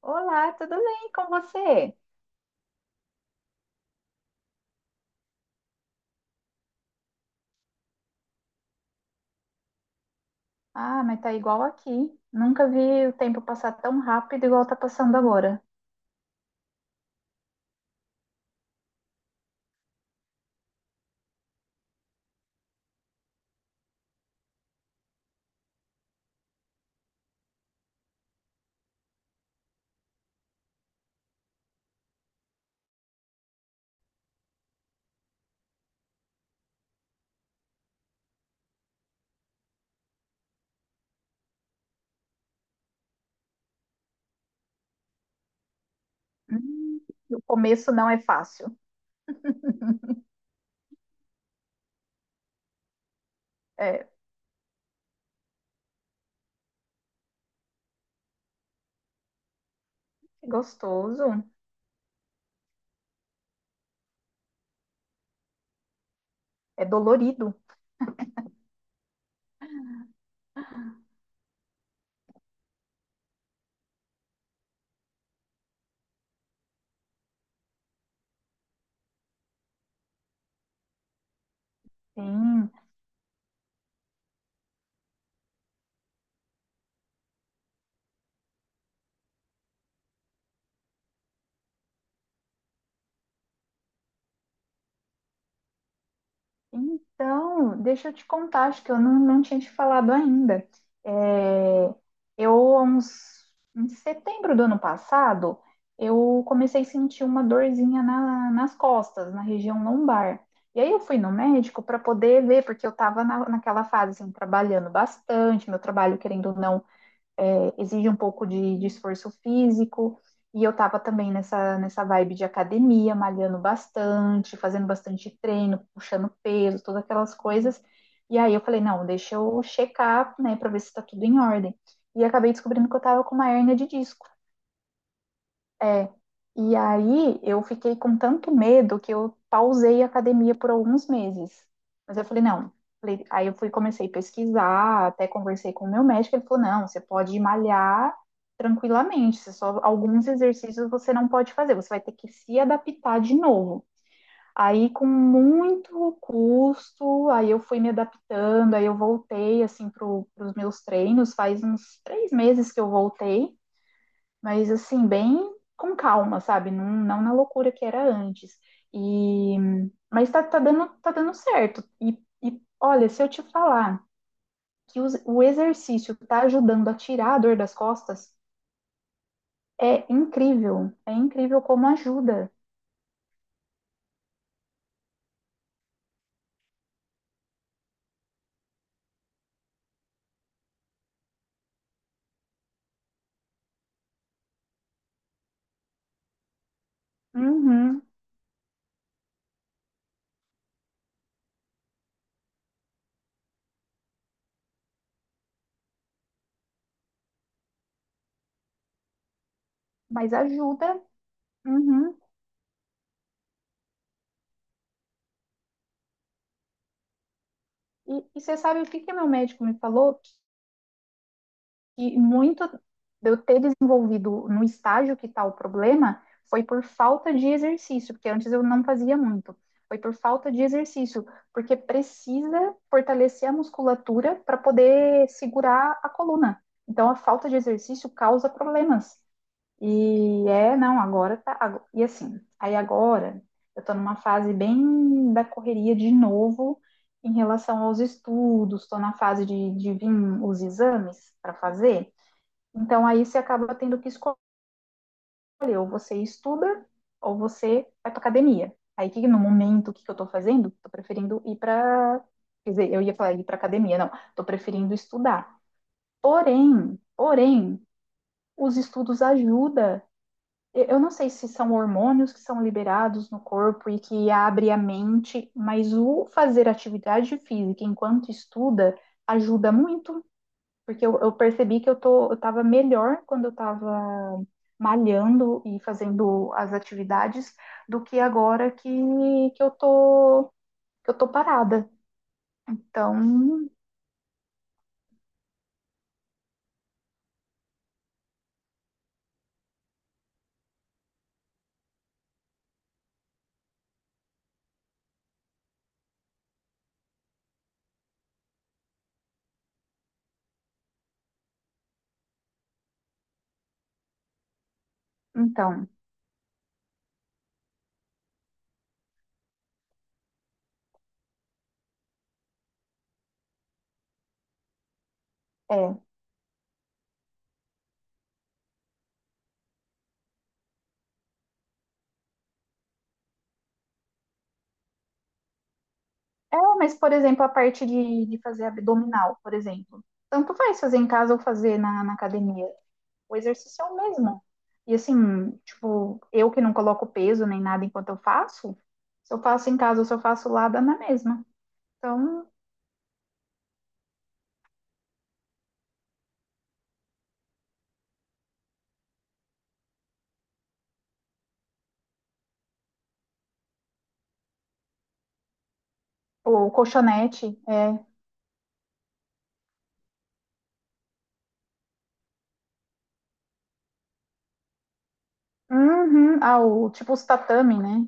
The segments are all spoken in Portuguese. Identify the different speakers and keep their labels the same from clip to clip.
Speaker 1: Olá, tudo bem com você? Ah, mas tá igual aqui. Nunca vi o tempo passar tão rápido igual tá passando agora. Hum, o começo não é fácil. É gostoso, é dolorido. Sim. Então, deixa eu te contar, acho que eu não tinha te falado ainda. É, eu, há uns, em setembro do ano passado, eu comecei a sentir uma dorzinha na- nas costas, na região lombar. E aí eu fui no médico para poder ver, porque eu estava naquela fase, assim, trabalhando bastante, meu trabalho, querendo ou não, exige um pouco de, esforço físico. E eu tava também nessa vibe de academia, malhando bastante, fazendo bastante treino, puxando peso, todas aquelas coisas. E aí eu falei, não, deixa eu checar, né, pra ver se tá tudo em ordem. E acabei descobrindo que eu tava com uma hérnia de disco. É. E aí eu fiquei com tanto medo que eu pausei a academia por alguns meses. Mas eu falei, não. Falei- Aí eu fui, comecei a pesquisar, até conversei com o meu médico, ele falou, não, você pode malhar tranquilamente, você só alguns exercícios você não pode fazer, você vai ter que se adaptar de novo. Aí com muito custo, aí eu fui me adaptando, aí eu voltei assim para os meus treinos, faz uns três meses que eu voltei, mas assim, bem com calma, sabe? Não na loucura que era antes. E mas tá, tá dando certo. E olha, se eu te falar que o exercício tá ajudando a tirar a dor das costas, é incrível. É incrível como ajuda. Uhum, mas ajuda. Uhum. E você sabe o que que meu médico me falou? Que muito de eu ter desenvolvido no estágio que está o problema foi por falta de exercício, porque antes eu não fazia muito. Foi por falta de exercício, porque precisa fortalecer a musculatura para poder segurar a coluna. Então, a falta de exercício causa problemas. E é, não, agora tá. E assim, aí agora eu tô numa fase bem da correria de novo em relação aos estudos, tô na fase de, vir os exames para fazer. Então aí você acaba tendo que escolher, ou você estuda, ou você vai para academia. Aí que no momento o que, que eu estou fazendo, estou preferindo ir para, quer dizer, eu ia falar ir para academia, não, estou preferindo estudar. Porém, os estudos ajudam. Eu não sei se são hormônios que são liberados no corpo e que abre a mente, mas o fazer atividade física enquanto estuda ajuda muito. Porque eu percebi que eu tô, eu tava melhor quando eu tava malhando e fazendo as atividades do que agora que eu tô, que eu tô parada. Então, então, é. É, mas, por exemplo, a parte de, fazer abdominal, por exemplo. Tanto faz fazer em casa ou fazer na, na academia. O exercício é o mesmo. E assim, tipo, eu que não coloco peso nem nada enquanto eu faço, se eu faço em casa ou se eu faço lá, dá na mesma. Então, o colchonete, é. Uhum. Ah, o, tipo os tatame, né?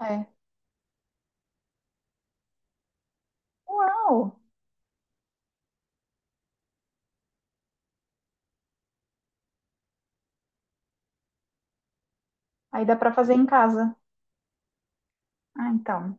Speaker 1: É. Uau! Aí dá pra fazer em casa. Ah, então.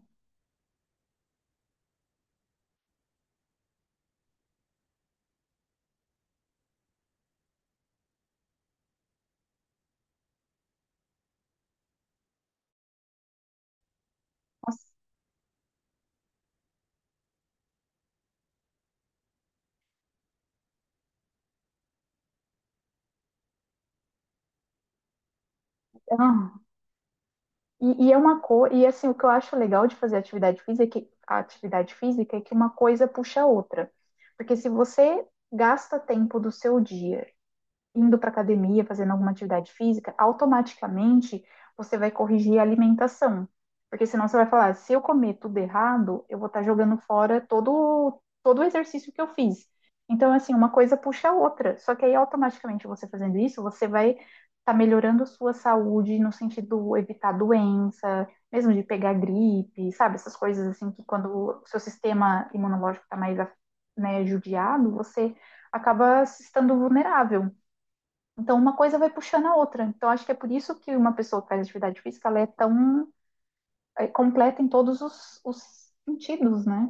Speaker 1: Nossa. Ah. E é uma coisa. E assim, o que eu acho legal de fazer atividade física, é que, a atividade física é que uma coisa puxa a outra. Porque se você gasta tempo do seu dia indo para academia, fazendo alguma atividade física, automaticamente você vai corrigir a alimentação. Porque senão você vai falar, se eu comer tudo errado, eu vou estar jogando fora todo o exercício que eu fiz. Então, assim, uma coisa puxa a outra. Só que aí, automaticamente, você fazendo isso, você vai estar melhorando a sua saúde no sentido de evitar doença, mesmo de pegar gripe, sabe? Essas coisas, assim, que quando o seu sistema imunológico está mais, né, judiado, você acaba se estando vulnerável. Então, uma coisa vai puxando a outra. Então, acho que é por isso que uma pessoa que faz atividade física, ela é tão é completa em todos os sentidos, né?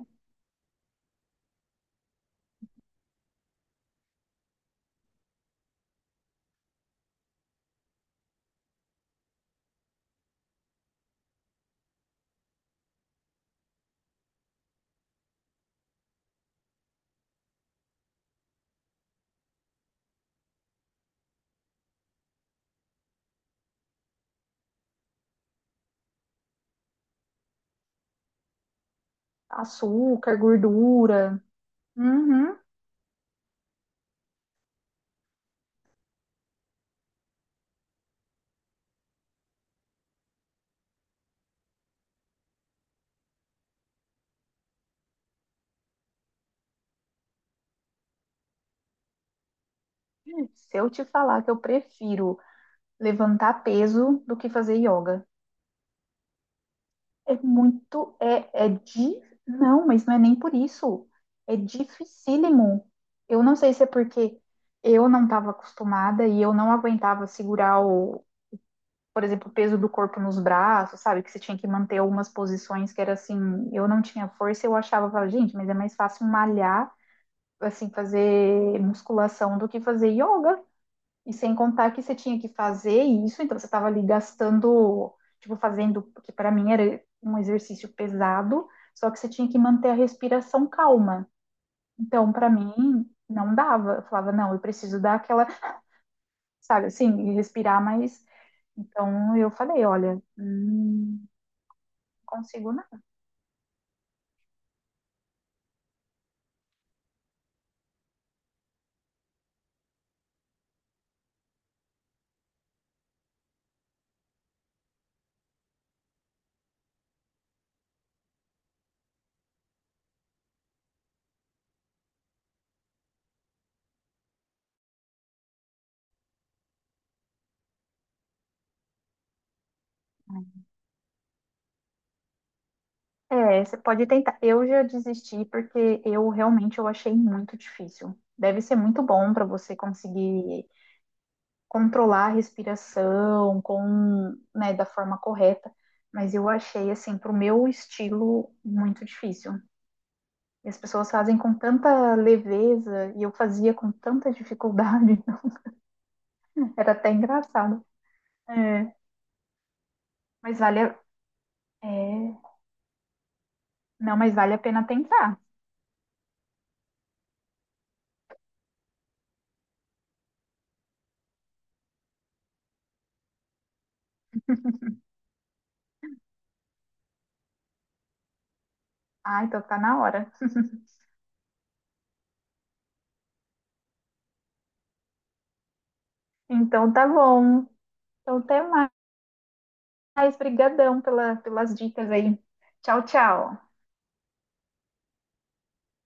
Speaker 1: Açúcar, gordura. Uhum. Se eu te falar que eu prefiro levantar peso do que fazer yoga, é muito, é, é de, não, mas não é nem por isso. É dificílimo. Eu não sei se é porque eu não estava acostumada e eu não aguentava segurar o, por exemplo, o peso do corpo nos braços, sabe? Que você tinha que manter algumas posições que era assim, eu não tinha força, eu achava, eu falava, gente, mas é mais fácil malhar, assim, fazer musculação do que fazer yoga. E sem contar que você tinha que fazer isso, então você estava ali gastando, tipo, fazendo, que para mim era um exercício pesado, só que você tinha que manter a respiração calma. Então, para mim, não dava. Eu falava, não, eu preciso dar aquela, sabe, assim, respirar mais. Então, eu falei, olha, consigo nada. Né? É, você pode tentar. Eu já desisti porque eu realmente eu achei muito difícil. Deve ser muito bom para você conseguir controlar a respiração com, né, da forma correta, mas eu achei assim para o meu estilo muito difícil. E as pessoas fazem com tanta leveza e eu fazia com tanta dificuldade. Era até engraçado. É, mas vale, a- é, não, mas vale a pena tentar. Ah, então tá na hora. Então tá bom. Então, até mais. Brigadão pela, pelas dicas aí. Tchau, tchau.